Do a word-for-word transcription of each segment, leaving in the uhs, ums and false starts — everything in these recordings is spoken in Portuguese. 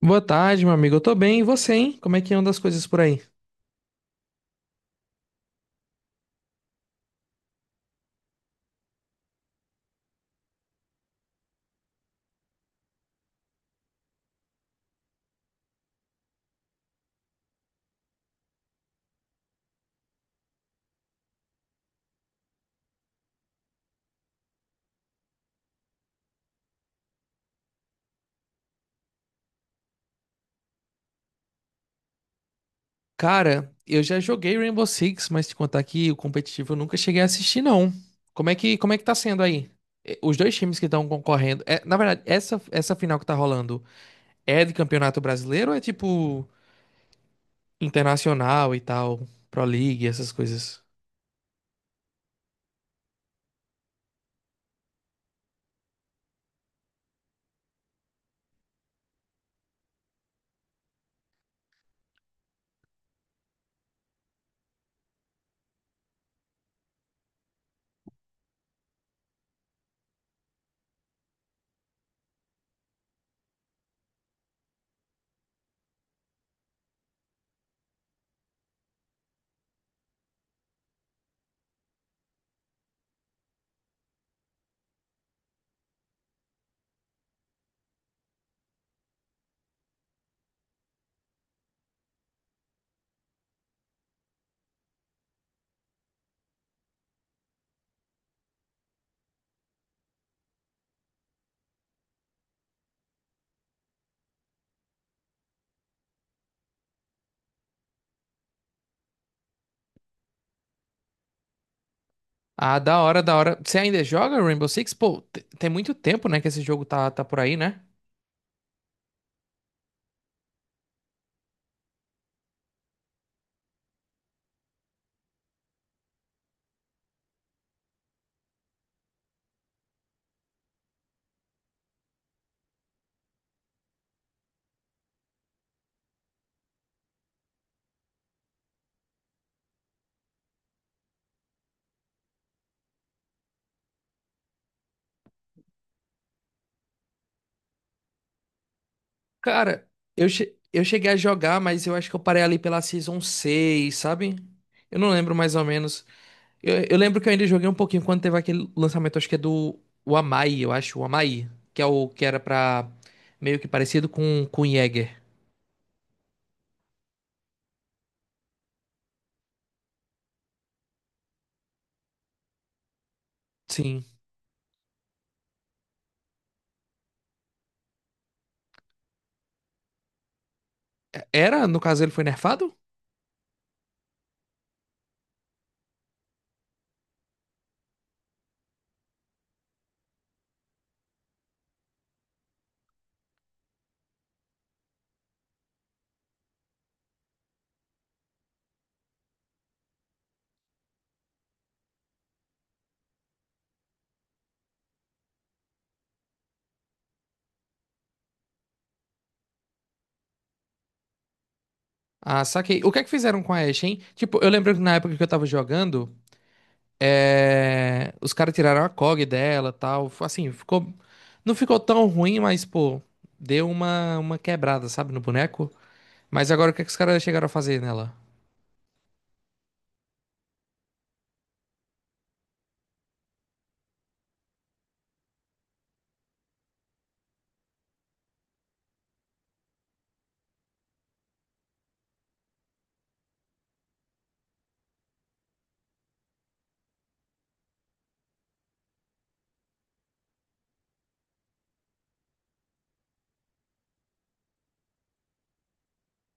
Boa tarde, meu amigo. Eu tô bem, e você, hein? Como é que anda as coisas por aí? Cara, eu já joguei Rainbow Six, mas te contar que o competitivo eu nunca cheguei a assistir, não. Como é que, como é que tá sendo aí? Eh, Os dois times que estão concorrendo. É, na verdade, essa, essa final que tá rolando é de campeonato brasileiro ou é tipo internacional e tal? Pro League, essas coisas. Ah, da hora, da hora. Você ainda joga Rainbow Six? Pô, te- tem muito tempo, né, que esse jogo tá, tá por aí, né? Cara, eu, che- eu cheguei a jogar, mas eu acho que eu parei ali pela Season seis, sabe? Eu não lembro mais ou menos. Eu, eu lembro que eu ainda joguei um pouquinho quando teve aquele lançamento, acho que é do o Amai, eu acho, o Amai, que é o que era pra meio que parecido com com o Jäger. Sim. Era, no caso ele foi nerfado? Ah, saquei. O que é que fizeram com a Ashe, hein? Tipo, eu lembro que na época que eu tava jogando, é, os caras tiraram a C O G dela, tal. Assim, ficou. Não ficou tão ruim, mas, pô, deu uma, uma quebrada, sabe, no boneco. Mas agora o que é que os caras chegaram a fazer nela?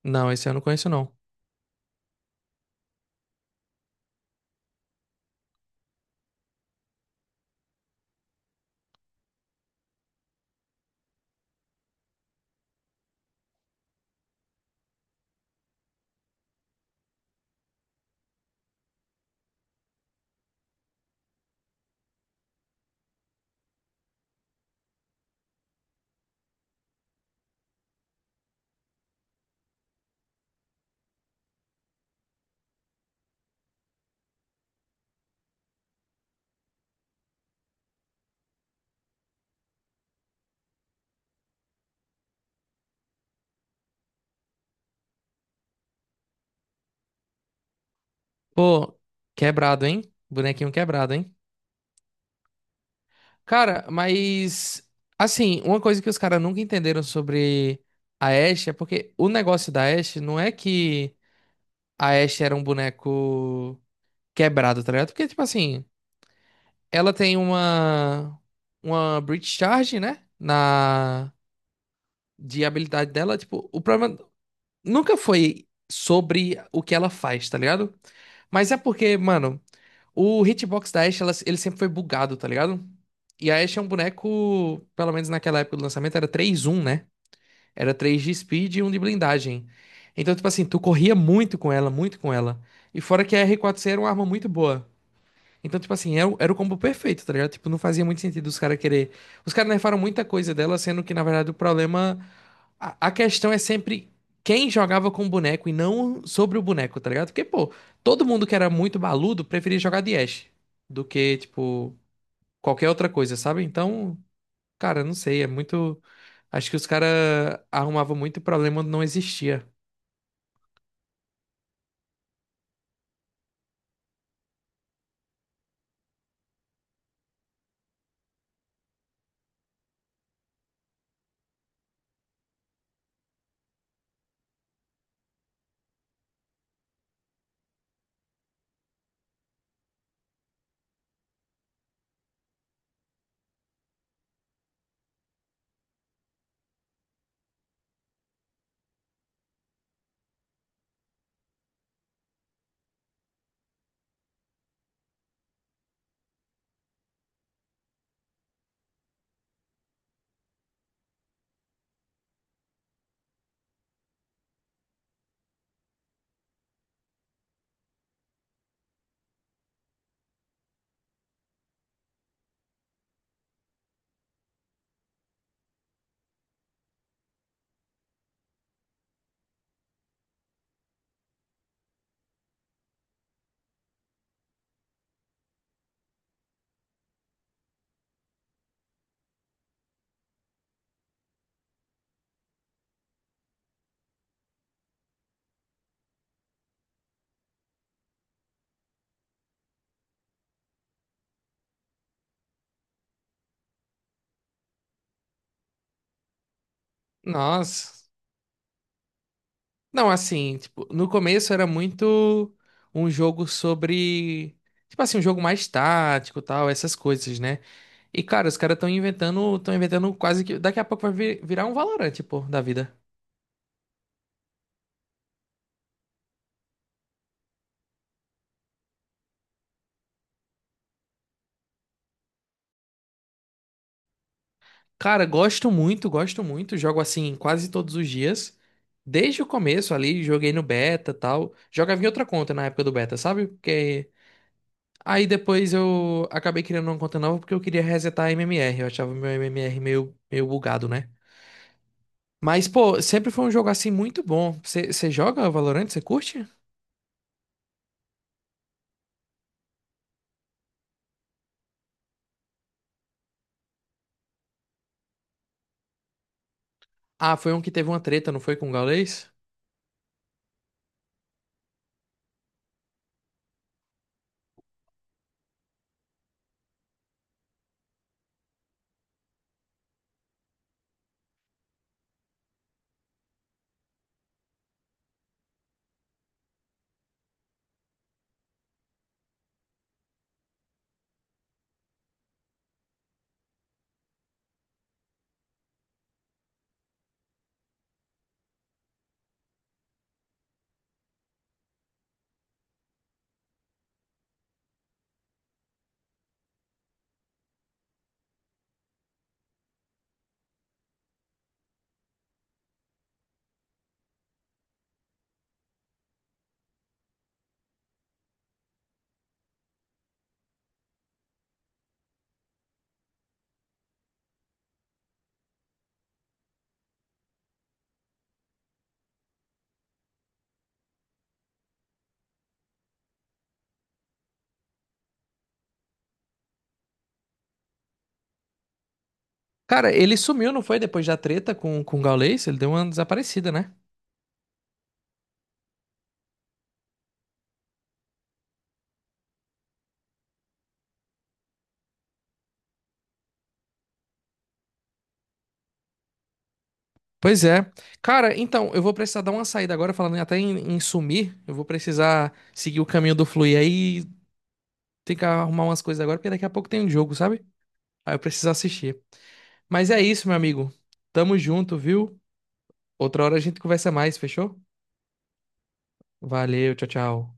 Não, esse eu não conheço, não. Pô, quebrado, hein? Bonequinho quebrado, hein? Cara, mas. Assim, uma coisa que os caras nunca entenderam sobre a Ashe é porque o negócio da Ashe não é que a Ashe era um boneco quebrado, tá ligado? Porque, tipo assim. Ela tem uma uma breach charge, né? Na de habilidade dela, tipo, o problema nunca foi sobre o que ela faz, tá ligado? Mas é porque, mano, o hitbox da Ashe, ela- ele sempre foi bugado, tá ligado? E a Ashe é um boneco, pelo menos naquela época do lançamento, era três um, né? Era três de speed e um de blindagem. Então, tipo assim, tu corria muito com ela, muito com ela. E fora que a r quatro c era uma arma muito boa. Então, tipo assim, era, o- era o combo perfeito, tá ligado? Tipo, não fazia muito sentido os caras querer. Os caras nerfaram muita coisa dela, sendo que, na verdade, o problema. A, a questão é sempre quem jogava com o boneco e não sobre o boneco, tá ligado? Porque, pô, todo mundo que era muito baludo preferia jogar de Ashe do que, tipo, qualquer outra coisa, sabe? Então, cara, não sei, é muito. Acho que os caras arrumavam muito problema onde não existia. Nossa. Não, assim, tipo, no começo era muito um jogo sobre, tipo assim, um jogo mais tático, tal, essas coisas, né? E cara, os caras estão inventando, estão inventando quase que daqui a pouco vai vi- virar um Valorant, pô, da vida. Cara, gosto muito, gosto muito, jogo assim quase todos os dias. Desde o começo ali, joguei no beta, tal. Jogava em outra conta na época do beta, sabe? Porque aí depois eu acabei criando uma conta nova porque eu queria resetar a M M R, eu achava meu M M R meio meio bugado, né? Mas, pô, sempre foi um jogo assim muito bom. Você joga Valorant? Você curte? Ah, foi um que teve uma treta, não foi com o Gaules? Cara, ele sumiu, não foi? Depois da treta com, com o Gaules? Ele deu uma desaparecida, né? Pois é. Cara, então, eu vou precisar dar uma saída agora, falando até em, em sumir. Eu vou precisar seguir o caminho do Fluir aí. Tem que arrumar umas coisas agora, porque daqui a pouco tem um jogo, sabe? Aí eu preciso assistir. Mas é isso, meu amigo. Tamo junto, viu? Outra hora a gente conversa mais, fechou? Valeu, tchau, tchau.